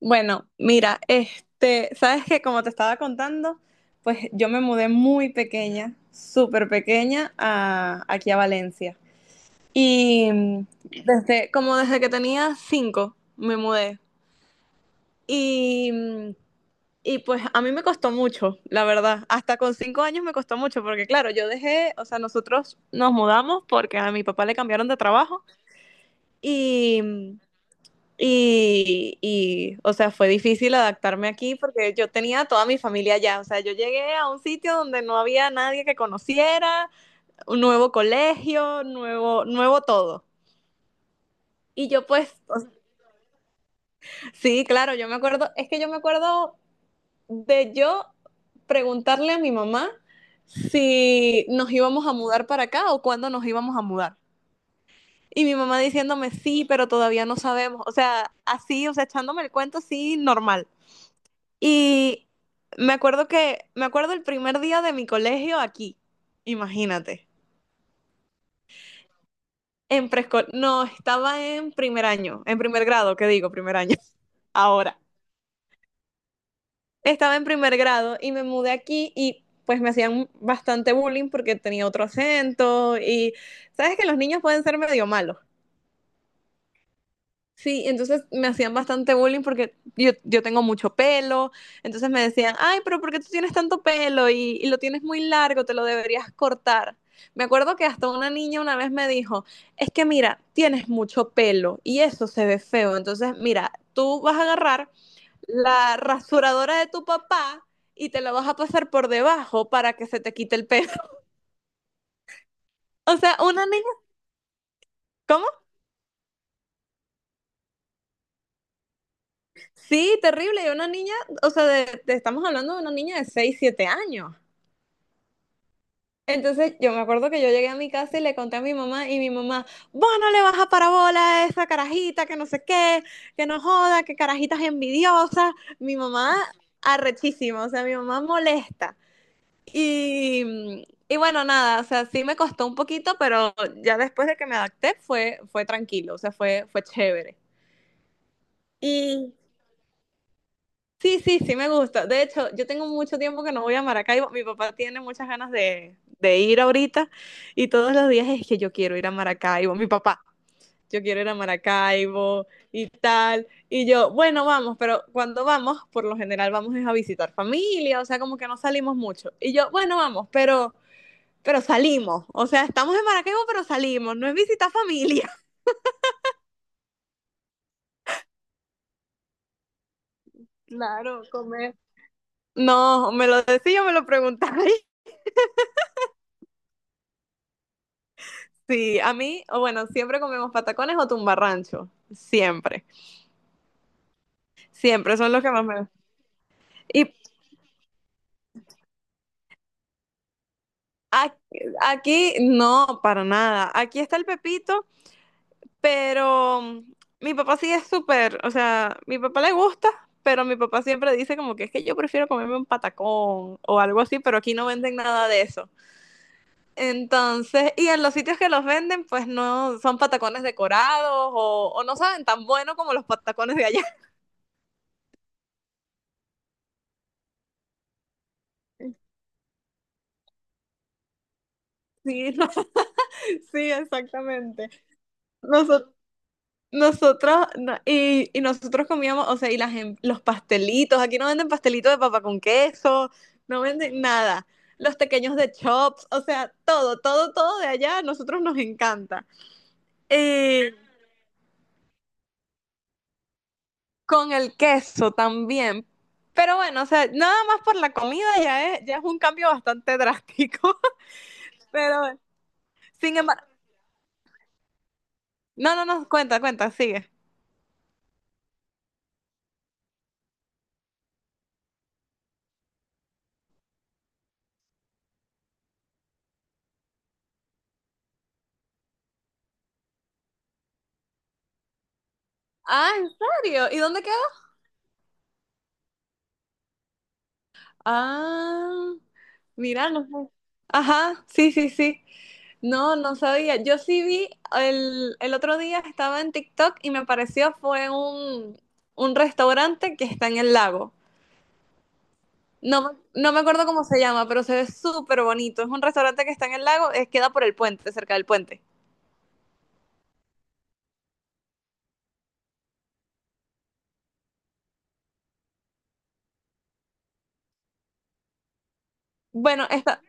Bueno, mira, sabes que como te estaba contando, pues yo me mudé muy pequeña, súper pequeña, aquí a Valencia. Y mm, como desde que tenía 5, me mudé. Y, mm, y pues a mí me costó mucho, la verdad. Hasta con 5 años me costó mucho, porque claro, yo dejé, o sea, nosotros nos mudamos porque a mi papá le cambiaron de trabajo. y mm, y, o sea, fue difícil adaptarme aquí porque yo tenía toda mi familia allá. O sea, yo llegué a un sitio donde no había nadie que conociera, un nuevo colegio, nuevo, nuevo todo. Y yo pues, o sea, sí, claro, yo me acuerdo, es que yo me acuerdo de yo preguntarle a mi mamá si nos íbamos a mudar para acá o cuándo nos íbamos a mudar. Y mi mamá diciéndome, sí, pero todavía no sabemos. O sea, así, o sea, echándome el cuento, sí, normal. Y me acuerdo el primer día de mi colegio aquí, imagínate, en preescolar, no, estaba en primer año, en primer grado, ¿qué digo? Primer año, ahora. Estaba en primer grado y me mudé aquí y pues me hacían bastante bullying porque tenía otro acento y sabes que los niños pueden ser medio malos. Sí, entonces me hacían bastante bullying porque yo tengo mucho pelo, entonces me decían, ay, pero ¿por qué tú tienes tanto pelo y lo tienes muy largo, te lo deberías cortar? Me acuerdo que hasta una niña una vez me dijo, es que mira, tienes mucho pelo y eso se ve feo, entonces mira, tú vas a agarrar la rasuradora de tu papá y te la vas a pasar por debajo para que se te quite el pelo. O sea, una niña, ¿cómo? Sí, terrible, y una niña, o sea, estamos hablando de una niña de 6 o 7 años. Entonces yo me acuerdo que yo llegué a mi casa y le conté a mi mamá y mi mamá, vos no le vas a parabola a esa carajita que no sé qué, que no joda, que carajitas envidiosas. Mi mamá arrechísima, o sea, mi mamá molesta. Y bueno, nada, o sea, sí me costó un poquito, pero ya después de que me adapté fue tranquilo, o sea, fue chévere. Y sí, sí, sí me gusta. De hecho, yo tengo mucho tiempo que no voy a Maracaibo. Mi papá tiene muchas ganas de ir ahorita y todos los días es que yo quiero ir a Maracaibo. Mi papá, yo quiero ir a Maracaibo y tal. Y yo, bueno, vamos, pero cuando vamos, por lo general vamos es a visitar familia, o sea, como que no salimos mucho. Y yo, bueno, vamos, pero salimos. O sea, estamos en Maracaibo, pero salimos. No es visitar familia. Claro, comer. No, me lo decía, me lo preguntáis. Sí, a mí, o bueno, siempre comemos patacones o tumbarrancho. Siempre. Siempre son los que más me. Y a- aquí, no, para nada. Aquí está el pepito, pero mi papá sí es súper. O sea, mi papá le gusta, pero mi papá siempre dice como que es que yo prefiero comerme un patacón o algo así, pero aquí no venden nada de eso. Entonces, y en los sitios que los venden, pues no son patacones decorados o no saben tan bueno como los patacones de allá. Sí, no, sí, exactamente. Nosotros, y nosotros comíamos, o sea, y las, los pastelitos, aquí no venden pastelitos de papa con queso, no venden nada. Los pequeños de chops, o sea, todo, todo, todo de allá, a nosotros nos encanta. Eh, con el queso también. Pero bueno, o sea, nada más por la comida ya es un cambio bastante drástico. Pero, sin embargo, no, no, no, cuenta, cuenta, sigue. Ah, ¿en serio? ¿Y dónde queda? Ah, mira, no sé. Ajá, sí, sí, sí. No, no sabía. Yo sí vi, el otro día estaba en TikTok y me pareció fue un restaurante que está en el lago. No, no me acuerdo cómo se llama, pero se ve súper bonito. Es un restaurante que está en el lago, es, queda por el puente, cerca del puente. Bueno, está,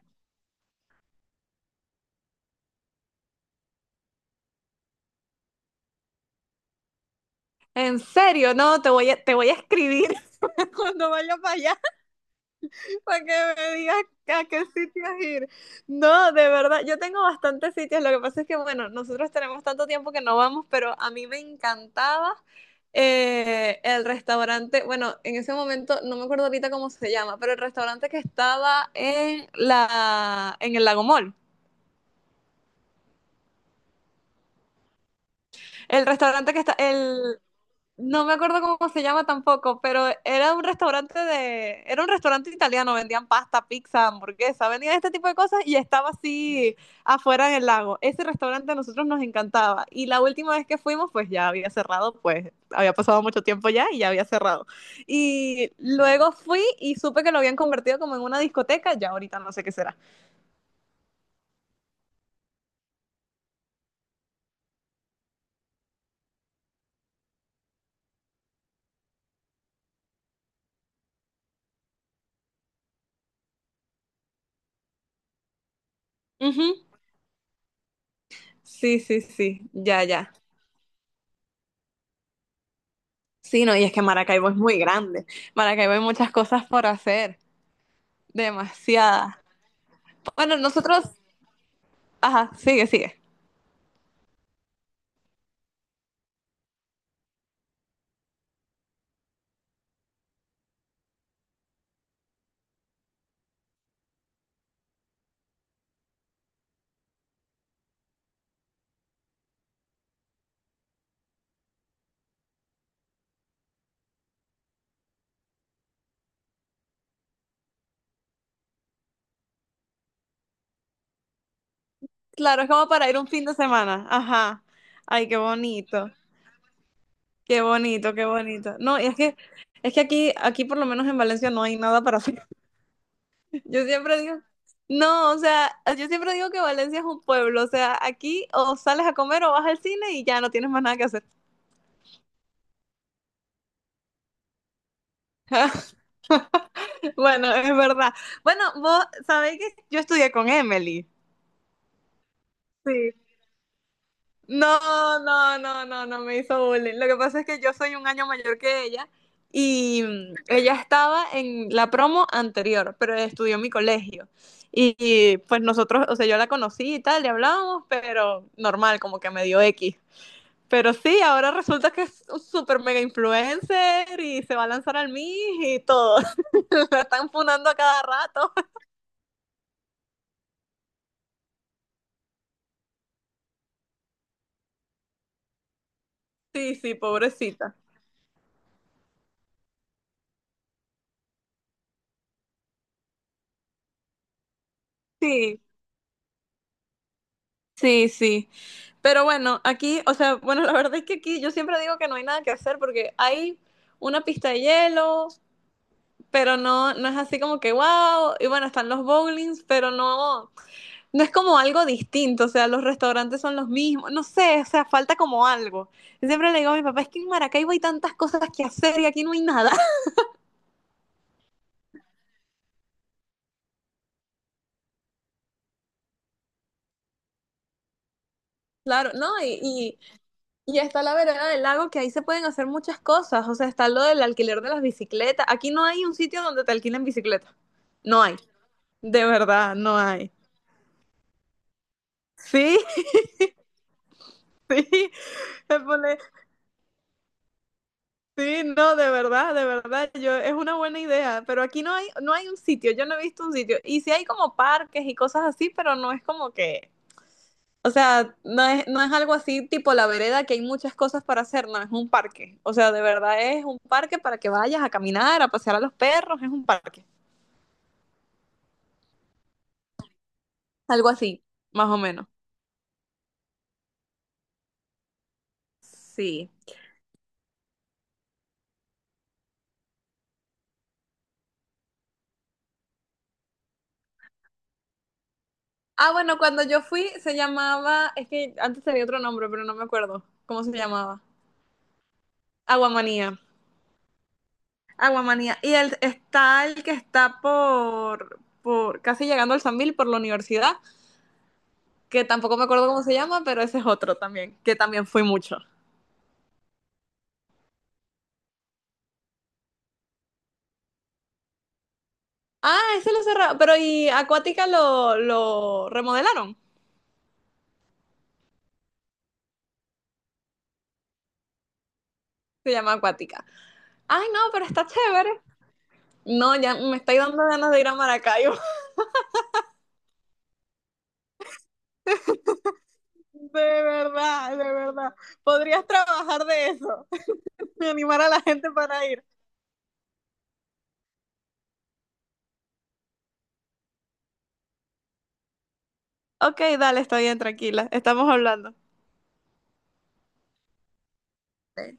en serio, no, te voy a escribir cuando vaya para allá. Para que me digas a qué sitios ir. No, de verdad, yo tengo bastantes sitios. Lo que pasa es que, bueno, nosotros tenemos tanto tiempo que no vamos, pero a mí me encantaba el restaurante. Bueno, en ese momento, no me acuerdo ahorita cómo se llama, pero el restaurante que estaba en el Lago Mall. El restaurante que está, el, no me acuerdo cómo se llama tampoco, pero era un restaurante de, era un restaurante italiano, vendían pasta, pizza, hamburguesa, vendían este tipo de cosas y estaba así afuera en el lago. Ese restaurante a nosotros nos encantaba y la última vez que fuimos pues ya había cerrado, pues había pasado mucho tiempo ya y ya había cerrado. Y luego fui y supe que lo habían convertido como en una discoteca, ya ahorita no sé qué será. Ujú. Sí, sí, sí, ya, ya. Sí, no, y es que Maracaibo es muy grande. Maracaibo hay muchas cosas por hacer. Demasiada. Bueno, nosotros, ajá, sigue, sigue. Claro, es como para ir un fin de semana. Ajá. Ay, qué bonito. Qué bonito, qué bonito. No, y es que aquí por lo menos en Valencia no hay nada para hacer. Yo siempre digo, no, o sea, yo siempre digo que Valencia es un pueblo, o sea, aquí o sales a comer o vas al cine y ya no tienes más nada que hacer. Bueno, es verdad. Bueno, vos sabéis que yo estudié con Emily. Sí. No, no, no, no, no me hizo bullying. Lo que pasa es que yo soy 1 año mayor que ella ella estaba en la promo anterior, pero estudió en mi colegio. Pues nosotros, o sea, yo la conocí y tal, le hablábamos, pero normal, como que medio dio X. Pero sí, ahora resulta que es un super mega influencer y se va a lanzar al miss y todo. La están funando a cada rato. Sí, sí, pobrecita. Sí, sí, sí. Pero bueno, aquí, o sea, bueno, la verdad es que aquí yo siempre digo que no hay nada que hacer porque hay una pista de hielo, pero no, no es así como que wow. Y bueno, están los bowlings, pero no, no es como algo distinto. O sea, los restaurantes son los mismos. No sé, o sea, falta como algo. Y siempre le digo a mi papá, es que en Maracaibo hay tantas cosas que hacer y aquí no hay nada. Claro, no, y está la vereda del lago que ahí se pueden hacer muchas cosas. O sea, está lo del alquiler de las bicicletas. Aquí no hay un sitio donde te alquilen bicicleta. No hay. De verdad, no hay. Sí, sí, me pone, sí, no, de verdad, yo, es una buena idea, pero aquí no hay, no hay un sitio, yo no he visto un sitio, y sí hay como parques y cosas así, pero no es como que, o sea, no es, no es algo así tipo la vereda que hay muchas cosas para hacer, no, es un parque, o sea, de verdad es un parque para que vayas a caminar, a pasear a los perros, es un parque, algo así, más o menos, sí. Ah, bueno, cuando yo fui se llamaba, es que antes tenía otro nombre, pero no me acuerdo cómo se llamaba. Aguamanía. Aguamanía. Y el, está el que está por casi llegando al San Mil, por la universidad, que tampoco me acuerdo cómo se llama, pero ese es otro también, que también fui mucho. Ah, ese lo cerraron, pero y Acuática lo remodelaron. Se llama Acuática. Ay, no, pero está chévere. No, ya me estoy dando ganas de ir a Maracaibo. De verdad, de verdad. Podrías trabajar de eso. De animar a la gente para ir. Ok, dale, está bien, tranquila. Estamos hablando. Ok.